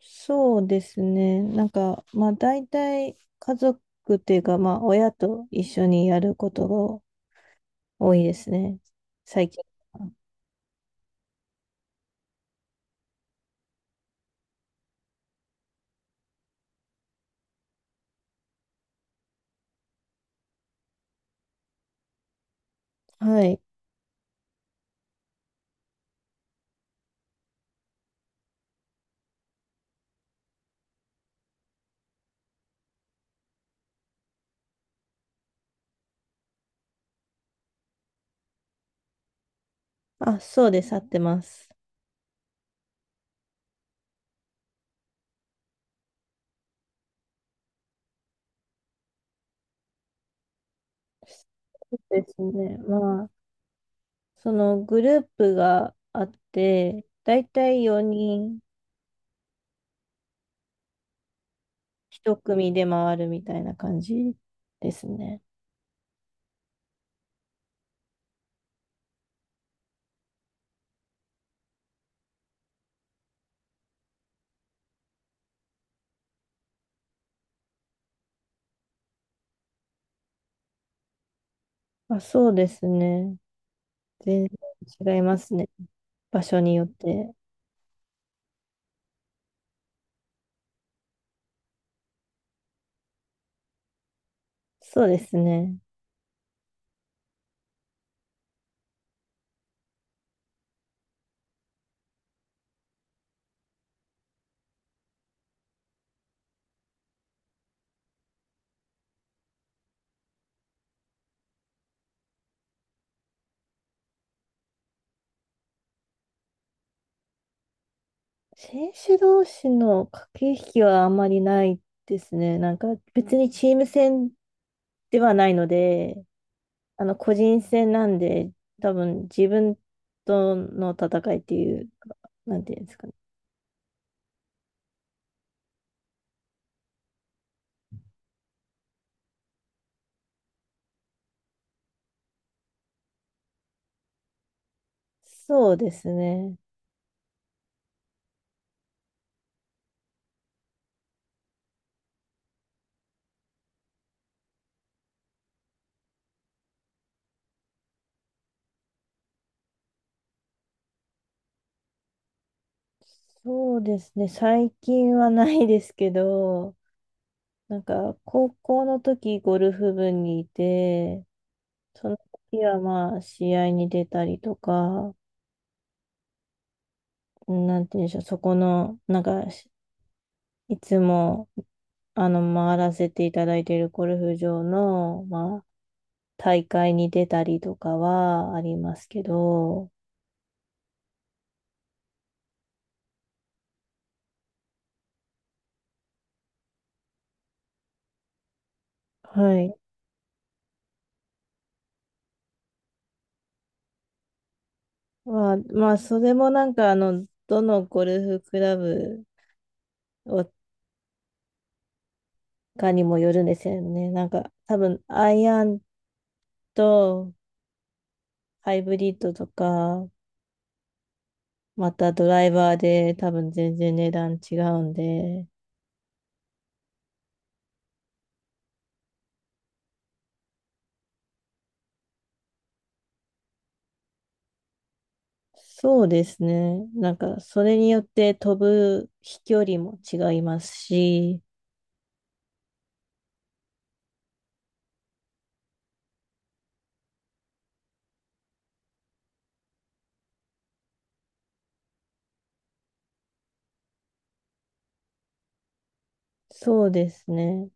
そうですね。まあ大体家族っていうか、まあ親と一緒にやることが多いですね。最近は。はい。あ、そうです。合ってます。そうですね。まあ、そのグループがあって、大体4人一組で回るみたいな感じですね。まあ、そうですね。全然違いますね。場所によって。そうですね。選手同士の駆け引きはあんまりないですね。なんか別にチーム戦ではないので、個人戦なんで、多分自分との戦いっていうか、なんていうんですかね。そうですね。そうですね。最近はないですけど、なんか高校の時ゴルフ部にいて、その時はまあ試合に出たりとか、なんていうんでしょう、そこの、なんかしいつも、回らせていただいているゴルフ場の、まあ、大会に出たりとかはありますけど、はい。まあ、それもどのゴルフクラブをかにもよるんですよね。なんか、多分、アイアンとハイブリッドとか、またドライバーで多分全然値段違うんで、そうですね。なんか、それによって飛ぶ飛距離も違いますし、そうですね。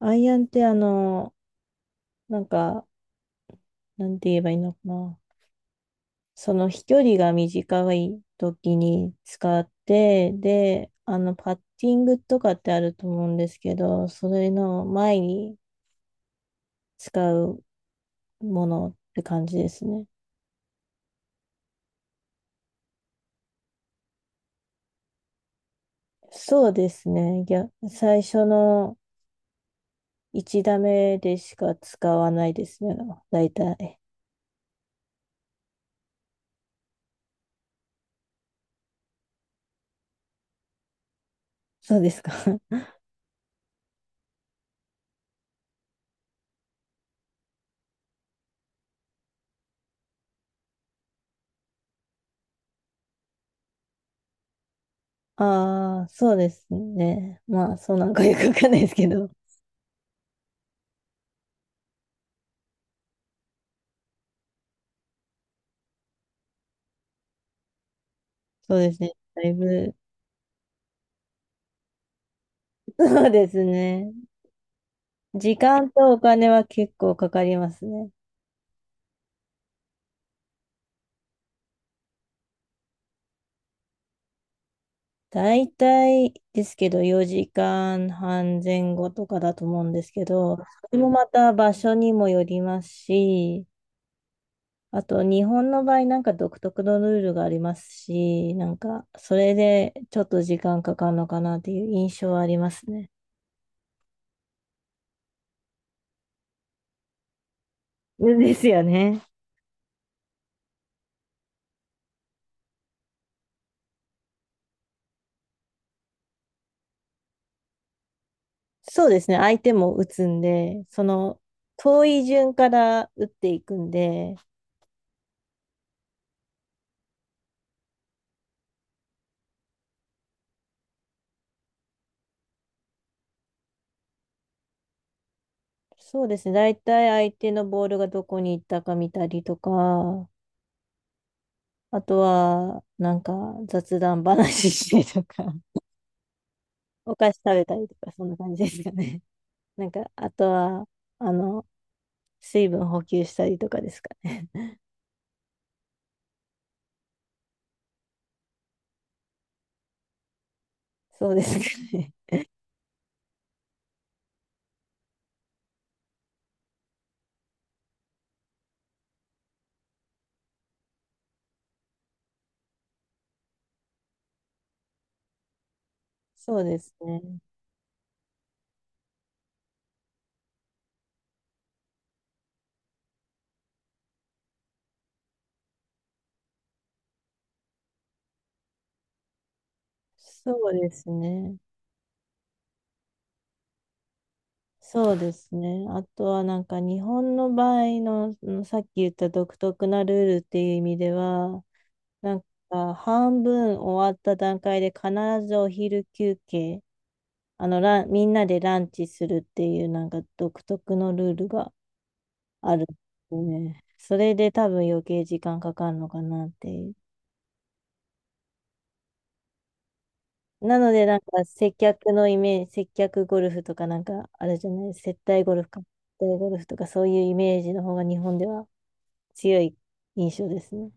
アイアンってなんか、なんて言えばいいのかな。その飛距離が短い時に使って、で、パッティングとかってあると思うんですけど、それの前に使うものって感じですね。そうですね。いや、最初の1打目でしか使わないですね。大体。そうですか。ああ、そうですね。まあ、そうなんかよくわかんないですけど。そうですね。だいぶ、そうですね。時間とお金は結構かかりますね。だいたいですけど、4時間半前後とかだと思うんですけど、それもまた場所にもよりますし、あと日本の場合なんか独特のルールがありますし、なんかそれでちょっと時間かかるのかなっていう印象はありますね。ですよね。そうですね。相手も打つんで、その遠い順から打っていくんで、そうですね。大体相手のボールがどこに行ったか見たりとか、あとは、なんか雑談話してとか、お菓子食べたりとか、そんな感じですかね。なんか、あとは、あの、水分補給したりとかですかね。そうですかね。そうですね。そうですね。そうですね。あとはなんか日本の場合の、うんさっき言った独特なルールっていう意味では、なんか、半分終わった段階で必ずお昼休憩、みんなでランチするっていう、なんか独特のルールがあるんですね。それで多分余計時間かかるのかなっていう。なので、なんか、接客のイメージ、接客ゴルフとかなんか、あるじゃない、接待ゴルフか、接待ゴルフとかそういうイメージの方が日本では強い印象ですね。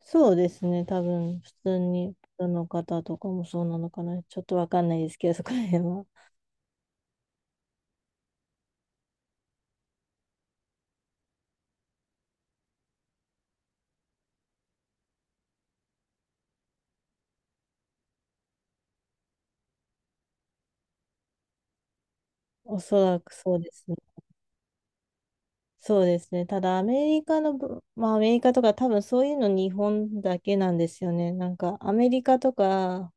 そうですね、多分普通にプロの方とかもそうなのかな、ちょっとわかんないですけど、そこら辺は。おそらくそうですね。そうですね、ただアメリカとか、多分そういうの日本だけなんですよね。なんかアメリカとか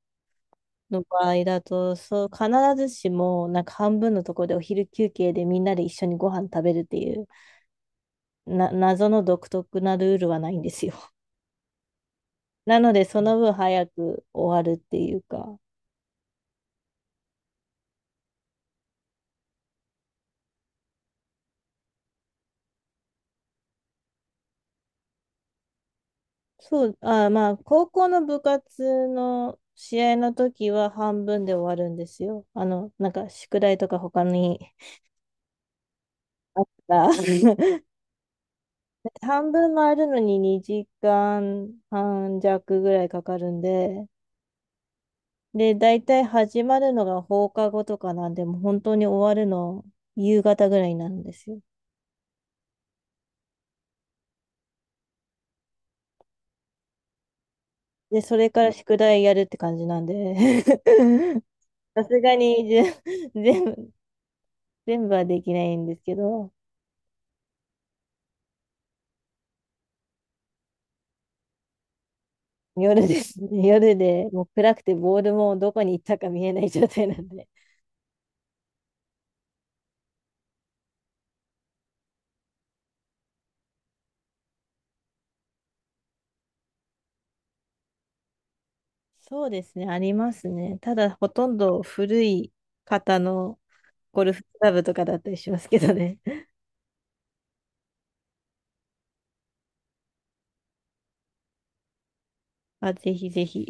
の場合だと、そう必ずしもなんか半分のところでお昼休憩でみんなで一緒にご飯食べるっていうな謎の独特なルールはないんですよ。なので、その分早く終わるっていうか。まあ、高校の部活の試合の時は半分で終わるんですよ。あの、なんか宿題とか他にあった。半分回るのに2時間半弱ぐらいかかるんで、で、大体始まるのが放課後とかなんで、もう本当に終わるの夕方ぐらいなんですよ。で、それから宿題やるって感じなんで、さすがに全部、全部はできないんですけど、夜ですね。夜で、もう暗くてボールもどこに行ったか見えない状態なんで。そうですね、ありますね。ただ、ほとんど古い方のゴルフクラブとかだったりしますけどね。あ、ぜひぜひ。